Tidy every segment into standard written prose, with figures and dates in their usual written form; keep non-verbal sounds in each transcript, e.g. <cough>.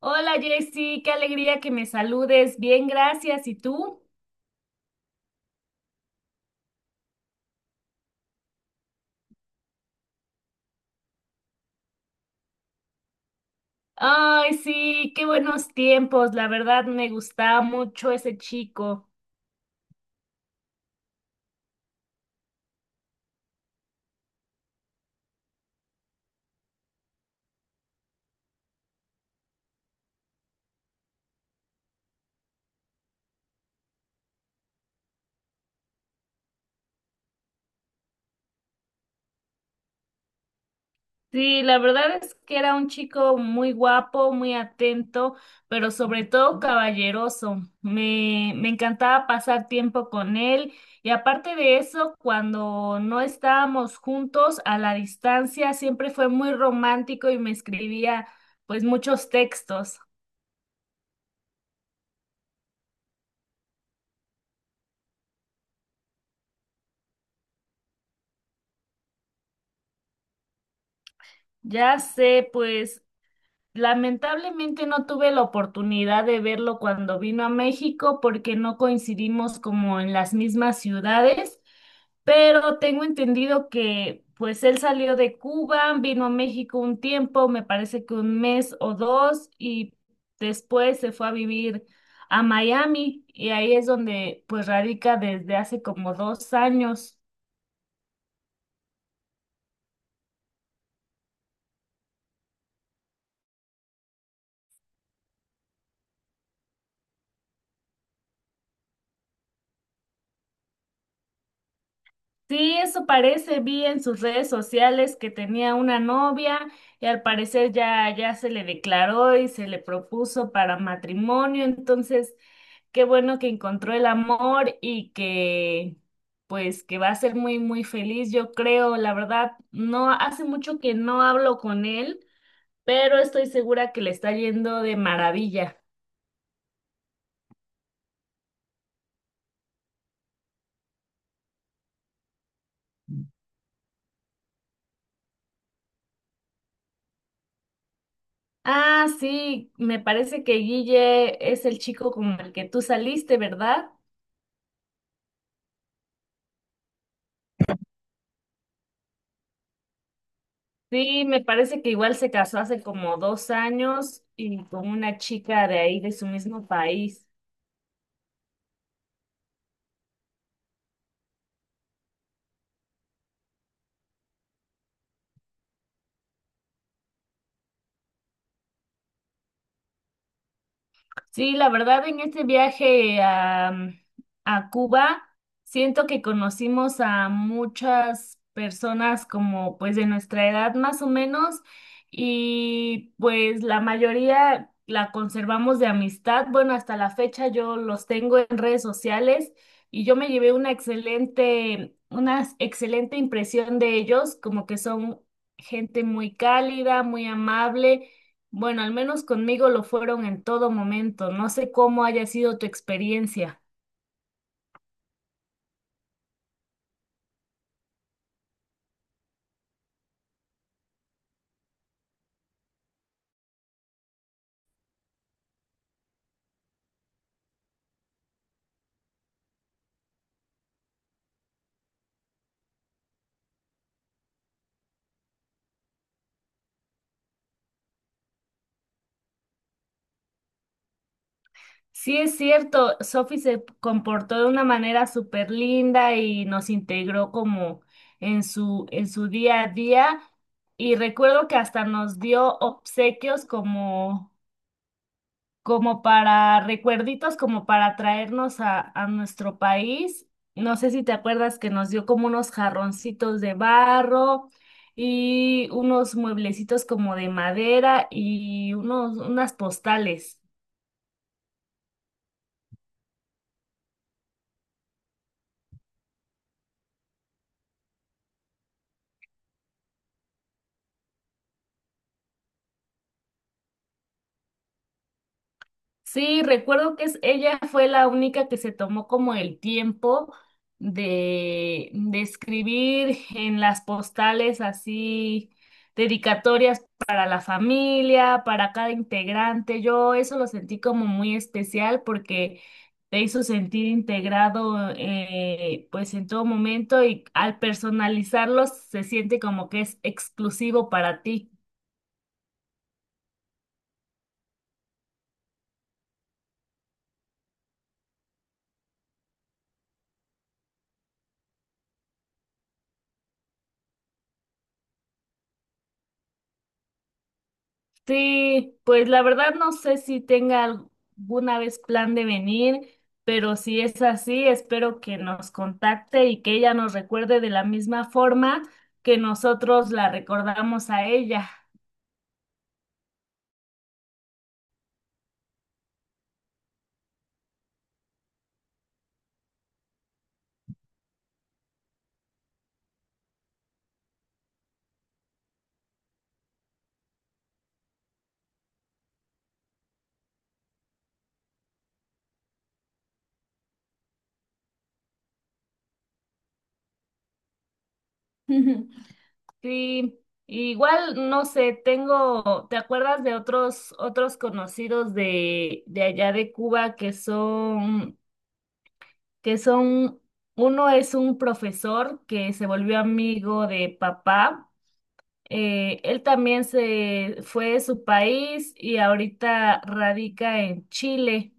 Hola Jessy, qué alegría que me saludes. Bien, gracias. ¿Y tú? Ay, sí, qué buenos tiempos. La verdad me gustaba mucho ese chico. Sí, la verdad es que era un chico muy guapo, muy atento, pero sobre todo caballeroso. Me encantaba pasar tiempo con él y aparte de eso, cuando no estábamos juntos a la distancia, siempre fue muy romántico y me escribía pues muchos textos. Ya sé, pues lamentablemente no tuve la oportunidad de verlo cuando vino a México porque no coincidimos como en las mismas ciudades, pero tengo entendido que pues él salió de Cuba, vino a México un tiempo, me parece que un mes o dos, y después se fue a vivir a Miami y ahí es donde pues radica desde hace como 2 años. Sí, eso parece, vi en sus redes sociales que tenía una novia y al parecer ya se le declaró y se le propuso para matrimonio, entonces qué bueno que encontró el amor y que pues que va a ser muy muy feliz, yo creo. La verdad, no hace mucho que no hablo con él, pero estoy segura que le está yendo de maravilla. Ah, sí, me parece que Guille es el chico con el que tú saliste, ¿verdad? Sí, me parece que igual se casó hace como 2 años y con una chica de ahí, de su mismo país. Sí, la verdad, en este viaje a, a Cuba, siento que conocimos a muchas personas como pues de nuestra edad más o menos y pues la mayoría la conservamos de amistad. Bueno, hasta la fecha yo los tengo en redes sociales y yo me llevé una excelente impresión de ellos, como que son gente muy cálida, muy amable. Bueno, al menos conmigo lo fueron en todo momento. No sé cómo haya sido tu experiencia. Sí, es cierto, Sophie se comportó de una manera súper linda y nos integró como en su día a día. Y recuerdo que hasta nos dio obsequios como como para recuerditos, como para traernos a nuestro país. No sé si te acuerdas que nos dio como unos jarroncitos de barro y unos mueblecitos como de madera y unos, unas postales. Sí, recuerdo que ella fue la única que se tomó como el tiempo de escribir en las postales así dedicatorias para la familia, para cada integrante. Yo eso lo sentí como muy especial porque te hizo sentir integrado pues en todo momento, y al personalizarlos se siente como que es exclusivo para ti. Sí, pues la verdad no sé si tenga alguna vez plan de venir, pero si es así, espero que nos contacte y que ella nos recuerde de la misma forma que nosotros la recordamos a ella. <laughs> Sí, igual no sé, tengo, ¿te acuerdas de otros conocidos de allá de Cuba que son uno es un profesor que se volvió amigo de papá? Él también se fue de su país y ahorita radica en Chile.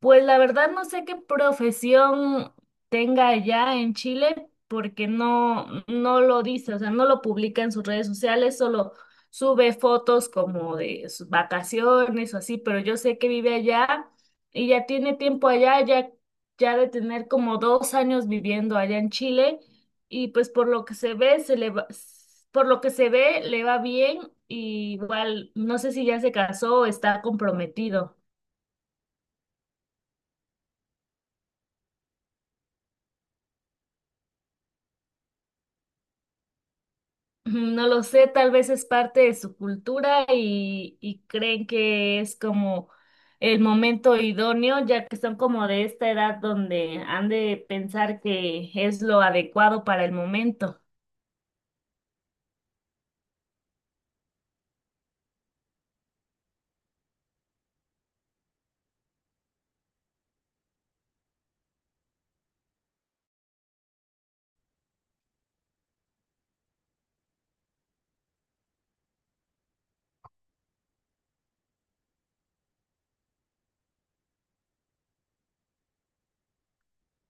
Pues la verdad no sé qué profesión tenga allá en Chile, porque no, no lo dice, o sea, no lo publica en sus redes sociales, solo sube fotos como de sus vacaciones o así, pero yo sé que vive allá y ya tiene tiempo allá, ya, ya de tener como 2 años viviendo allá en Chile, y pues por lo que se ve, se le va, por lo que se ve, le va bien, y igual no sé si ya se casó o está comprometido. No lo sé, tal vez es parte de su cultura y creen que es como el momento idóneo, ya que son como de esta edad donde han de pensar que es lo adecuado para el momento.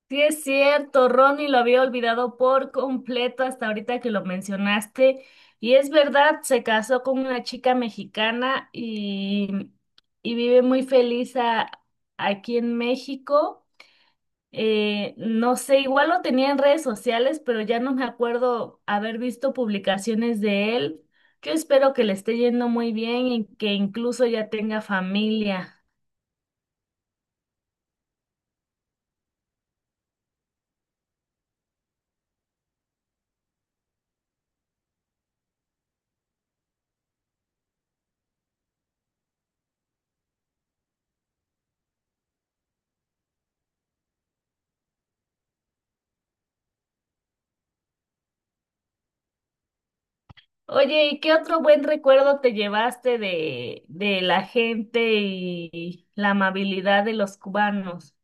Sí, es cierto, Ronnie lo había olvidado por completo hasta ahorita que lo mencionaste. Y es verdad, se casó con una chica mexicana y vive muy feliz aquí en México. No sé, igual lo tenía en redes sociales, pero ya no me acuerdo haber visto publicaciones de él. Yo espero que le esté yendo muy bien y que incluso ya tenga familia. Oye, ¿y qué otro buen recuerdo te llevaste de la gente y la amabilidad de los cubanos?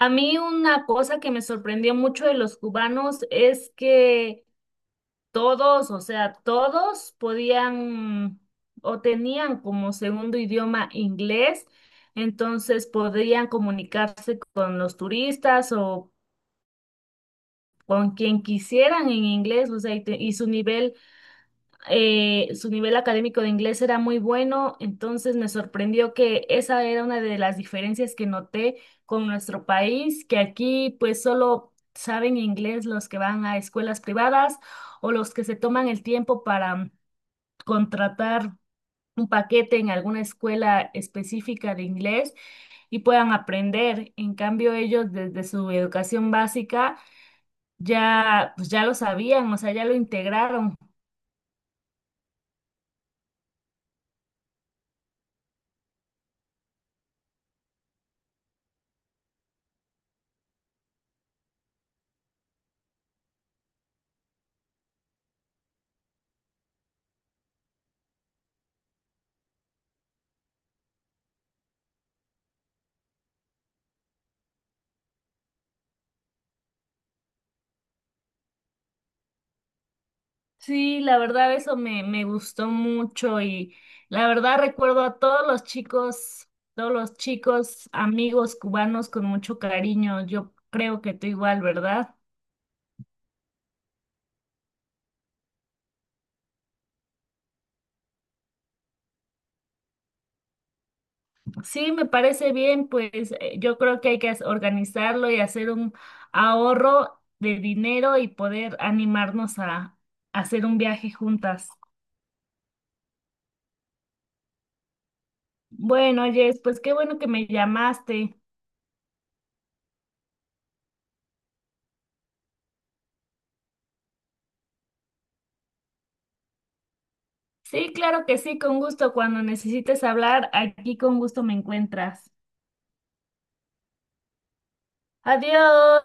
A mí una cosa que me sorprendió mucho de los cubanos es que todos, o sea, todos podían o tenían como segundo idioma inglés, entonces podían comunicarse con los turistas o con quien quisieran en inglés, o sea, y su nivel académico de inglés era muy bueno, entonces me sorprendió que esa era una de las diferencias que noté con nuestro país, que aquí pues solo saben inglés los que van a escuelas privadas o los que se toman el tiempo para contratar un paquete en alguna escuela específica de inglés y puedan aprender. En cambio, ellos desde su educación básica ya, pues ya lo sabían, o sea, ya lo integraron. Sí, la verdad eso me gustó mucho, y la verdad recuerdo a todos los chicos amigos cubanos con mucho cariño. Yo creo que tú igual, ¿verdad? Sí, me parece bien, pues yo creo que hay que organizarlo y hacer un ahorro de dinero y poder animarnos a hacer un viaje juntas. Bueno, Jess, pues qué bueno que me llamaste. Sí, claro que sí, con gusto. Cuando necesites hablar, aquí con gusto me encuentras. Adiós.